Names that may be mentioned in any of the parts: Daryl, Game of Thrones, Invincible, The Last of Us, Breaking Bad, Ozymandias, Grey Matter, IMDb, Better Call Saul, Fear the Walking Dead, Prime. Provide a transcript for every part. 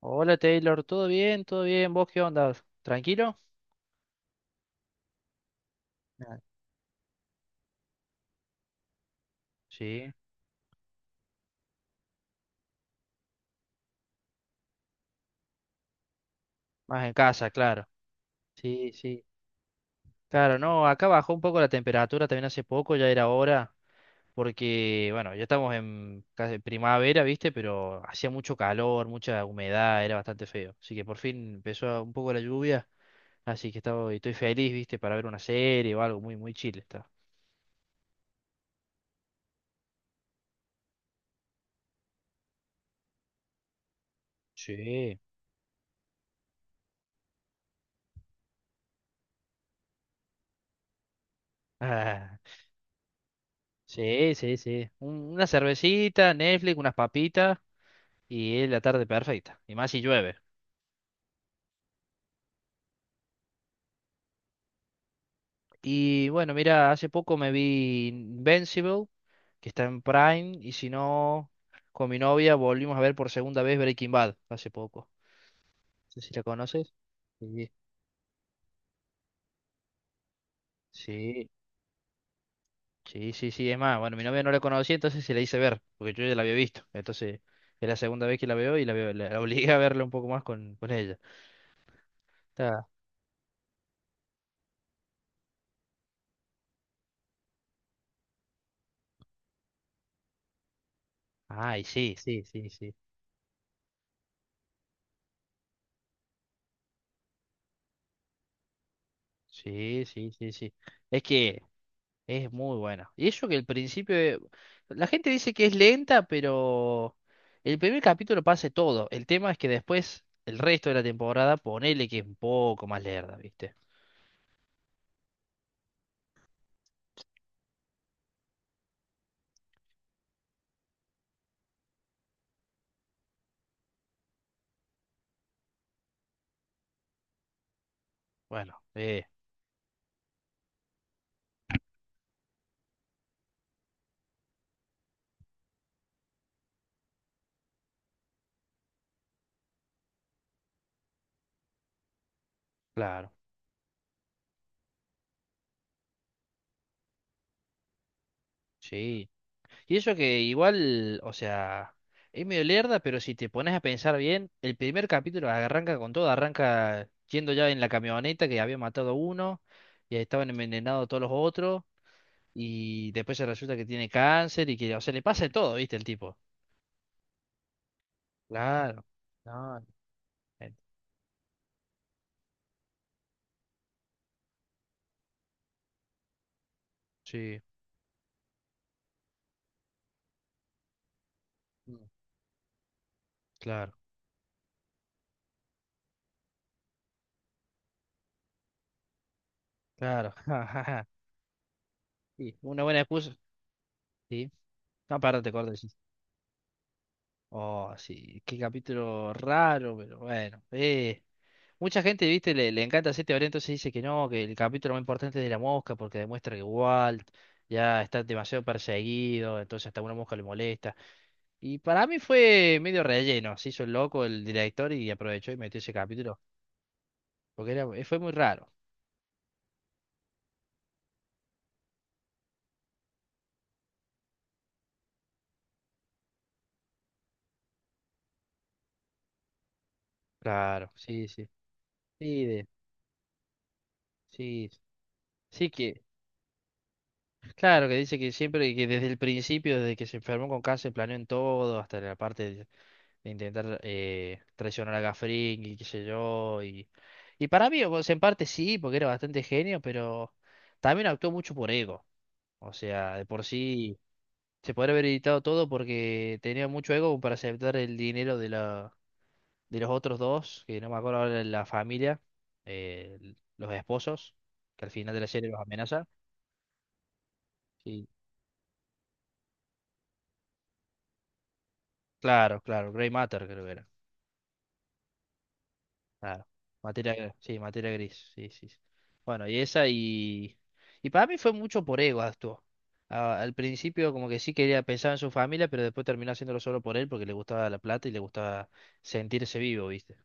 Hola Taylor, ¿todo bien? ¿Todo bien? ¿Vos qué onda? ¿Tranquilo? Ah. Sí, más en casa, claro. Sí, sí. Claro, no, acá bajó un poco la temperatura también hace poco, ya era hora, porque, bueno, ya estamos en casi primavera, ¿viste? Pero hacía mucho calor, mucha humedad, era bastante feo. Así que por fin empezó un poco la lluvia, así que estoy feliz, ¿viste? Para ver una serie o algo, muy, muy chill está. Sí. Ah, sí, sí, sí. Una cervecita, Netflix, unas papitas. Y es la tarde perfecta. Y más si llueve. Y bueno, mira, hace poco me vi Invincible, que está en Prime. Y si no, con mi novia volvimos a ver por segunda vez Breaking Bad hace poco. No sé si la conoces. Sí. Sí, sí, sí, sí. Es más, bueno, mi novia no la conocía, entonces se la hice ver, porque yo ya la había visto. Entonces, es la segunda vez que la veo y la obligué a verla un poco más con ella. Está- Ay, sí, sí, sí, sí. Sí, sí, sí, sí. Es que. Es muy buena. Y eso que el principio, la gente dice que es lenta, pero el primer capítulo pasa todo. El tema es que después, el resto de la temporada, ponele que es un poco más lerda, ¿viste? Bueno, claro, sí. Y eso que igual, o sea, es medio lerda, pero si te pones a pensar bien, el primer capítulo arranca con todo, arranca yendo ya en la camioneta que había matado a uno y estaban envenenados todos los otros. Y después se resulta que tiene cáncer y que, o sea, le pasa de todo, ¿viste? El tipo. Claro. No, eh, sí. mm, Claro, claro. Ja, ja, ja. Sí, una buena excusa. Sí. No, perdón, te corto. Sí. Oh, sí. Qué capítulo raro, pero bueno. Mucha gente, ¿viste? Le encanta hacer teoría, entonces dice que no, que el capítulo más importante es de la mosca porque demuestra que Walt ya está demasiado perseguido, entonces hasta una mosca le molesta. Y para mí fue medio relleno, se hizo el loco el director y aprovechó y metió ese capítulo, porque era, fue muy raro. Claro, sí, sí. Sí, de- sí. Sí que, claro, que dice que siempre, que desde el principio, desde que se enfermó con cáncer, planeó en todo, hasta la parte de intentar traicionar a Gafring y qué sé yo. Y para mí, o sea, en parte sí, porque era bastante genio, pero también actuó mucho por ego. O sea, de por sí se podría haber editado todo porque tenía mucho ego para aceptar el dinero de la, de los otros dos, que no me acuerdo ahora la familia, los esposos, que al final de la serie los amenaza. Sí, claro, claro, Grey Matter creo que era. Claro. Sí, materia gris, sí, sí, sí. Bueno, y esa y... Y para mí fue mucho por ego actuó. Al principio como que sí quería pensar en su familia, pero después terminó haciéndolo solo por él porque le gustaba la plata y le gustaba sentirse vivo, ¿viste?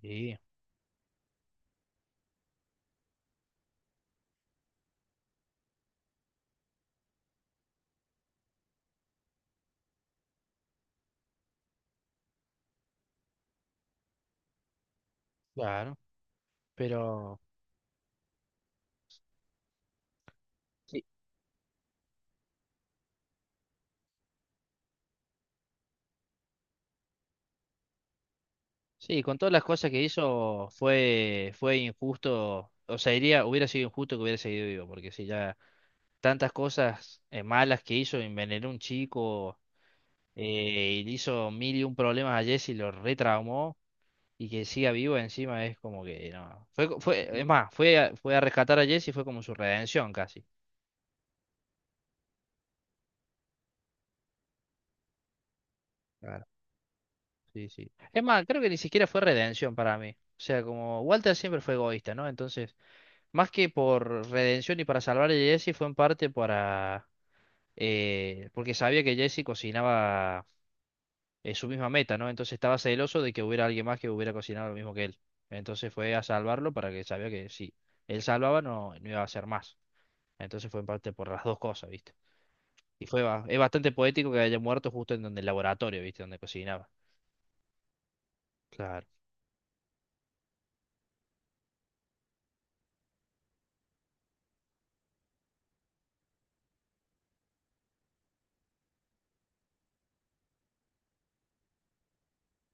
Sí, claro. Pero sí, sí, con todas las cosas que hizo fue, fue injusto, o sea, iría, hubiera sido injusto que hubiera seguido vivo, porque si ya tantas cosas malas que hizo, envenenó a un chico, y le hizo mil y un problemas a Jesse, lo retraumó, y que siga vivo encima es como que no. Fue, es más, fue a rescatar a Jesse, fue como su redención casi. Claro. Sí, sí. Es más, creo que ni siquiera fue redención para mí. O sea, como Walter siempre fue egoísta, ¿no? Entonces... Más que por redención y para salvar a Jesse, fue en parte para... porque sabía que Jesse cocinaba su misma meta, ¿no? Entonces estaba celoso de que hubiera alguien más que hubiera cocinado lo mismo que él. Entonces fue a salvarlo para que sabía que si él salvaba no, no iba a hacer más. Entonces fue en parte por las dos cosas, ¿viste? Y es bastante poético que haya muerto justo en donde el laboratorio, ¿viste? Donde cocinaba. Claro,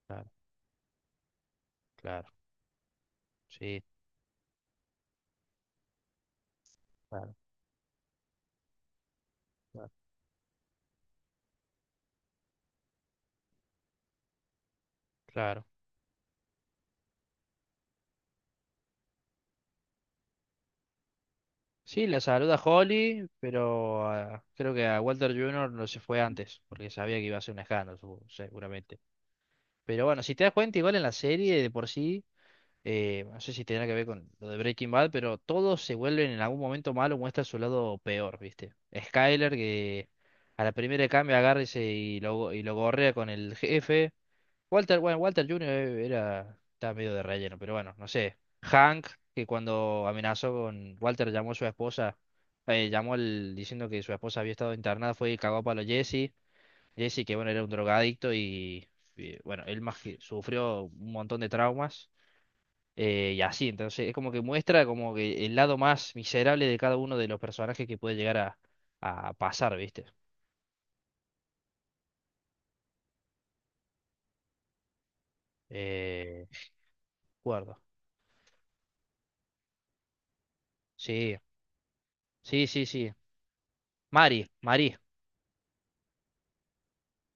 claro, claro. Sí, claro, claro, claro. Sí, la saluda Holly, pero ah, creo que a Walter Junior no se fue antes, porque sabía que iba a ser un escándalo, seguramente. Pero bueno, si te das cuenta, igual en la serie de por sí, no sé si tendrá que ver con lo de Breaking Bad, pero todos se vuelven en algún momento malos, muestra su lado peor, ¿viste? Skyler, que a la primera de cambio agarra y y lo gorrea con el jefe. Walter, bueno, Walter Jr. era, estaba medio de relleno, pero bueno, no sé. Hank, que cuando amenazó con Walter, llamó a su esposa, diciendo que su esposa había estado internada, fue y cagó a palo a Jesse. Jesse, que bueno, era un drogadicto y, bueno, él más que sufrió un montón de traumas. Y así, entonces es como que muestra como que el lado más miserable de cada uno de los personajes que puede llegar a pasar, ¿viste? De acuerdo. Sí, sí, sí, sí. Mari, Mari.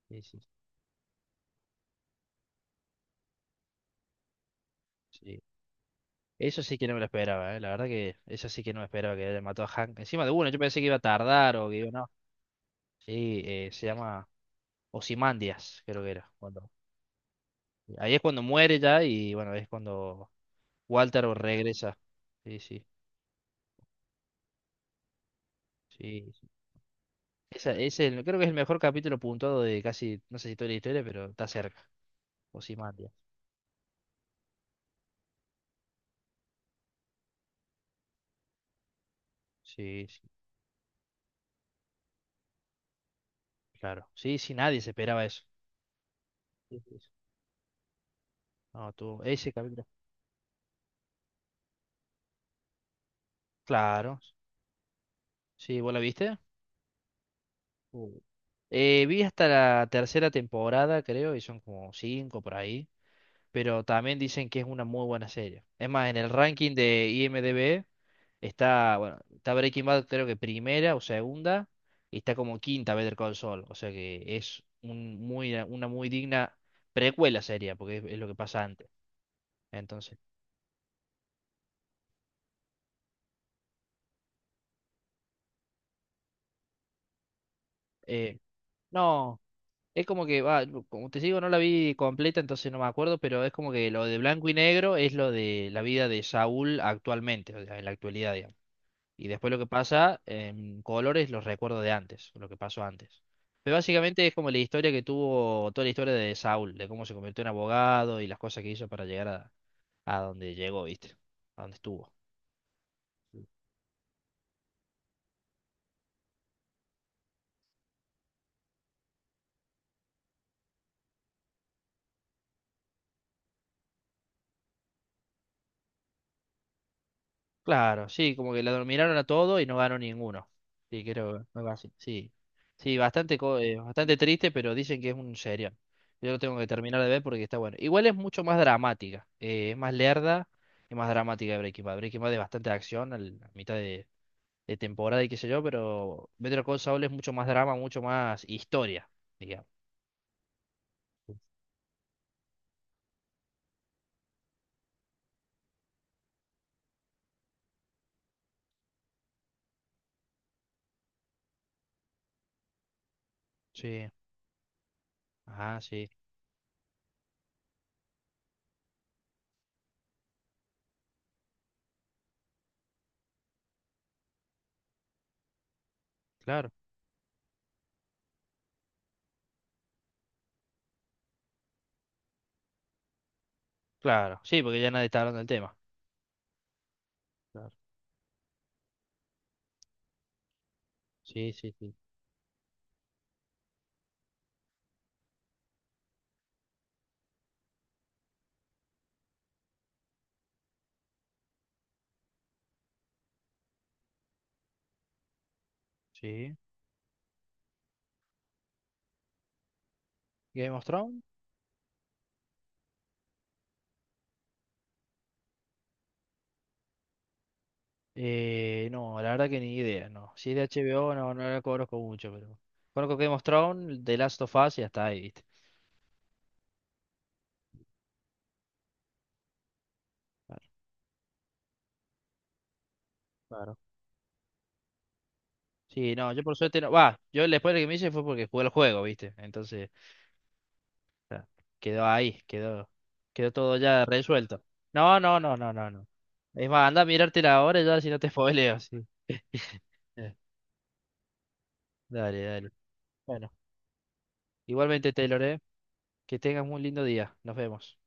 Sí, sí. Sí. Eso sí que no me lo esperaba, ¿eh? La verdad que eso sí que no me esperaba que le mató a Hank. Encima de uno, yo pensé que iba a tardar o que iba, no. Sí, se llama Ozymandias, creo que era. Cuando... Ahí es cuando muere ya y bueno, es cuando Walter regresa. Sí, sí, sí, sí. Esa, es el, creo que es el mejor capítulo puntuado de casi, no sé si toda la historia, pero está cerca. Ozymandias. Sí, sí, claro. Sí, sí, nadie se esperaba eso. Sí, sí, sí. No, tú, ese capítulo. Claro. Sí, ¿vos la viste? Uh. Vi hasta la tercera temporada, creo, y son como cinco por ahí, pero también dicen que es una muy buena serie. Es más, en el ranking de IMDb está, bueno, está Breaking Bad creo que primera o segunda, y está como quinta Better Call Saul, o sea que es un muy, una muy digna precuela seria, porque es lo que pasa antes. Entonces, eh, no. Es como que, va, como te digo, no la vi completa, entonces no me acuerdo, pero es como que lo de blanco y negro es lo de la vida de Saúl actualmente, o sea, en la actualidad, digamos. Y después lo que pasa en colores, los recuerdos de antes, lo que pasó antes. Pero básicamente es como la historia que tuvo, toda la historia de Saúl, de cómo se convirtió en abogado y las cosas que hizo para llegar a donde llegó, ¿viste? A donde estuvo. Claro, sí, como que la dominaron a todo y no ganó ninguno. Sí, creo, algo así. Sí, sí, bastante, bastante triste, pero dicen que es un serial. Yo lo tengo que terminar de ver porque está bueno. Igual es mucho más dramática, es más lerda y más dramática de Breaking Bad. Breaking Bad es bastante acción a mitad de temporada y qué sé yo, pero Better Call Saul es mucho más drama, mucho más historia, digamos. Sí, ah, sí, claro, claro. Sí, porque ya nadie está hablando del tema. Claro. Sí, sí, sí. Sí. Game of Thrones. No, la verdad que ni idea, no. Si es de HBO, no, no la conozco mucho, pero. Conozco Game of Thrones, The Last of Us y hasta ahí, ¿viste? Claro, claro. Sí, no, yo por suerte no. Va, yo el spoiler que me hice fue porque jugué el juego, ¿viste? Entonces, ya, quedó ahí, quedó, quedó todo ya resuelto. No, no, no, no, no, no. Es más, anda a mirártela ahora ya si no te spoileo, sí. Dale, dale. Bueno, igualmente, Taylor, ¿eh? Que tengas un lindo día. Nos vemos.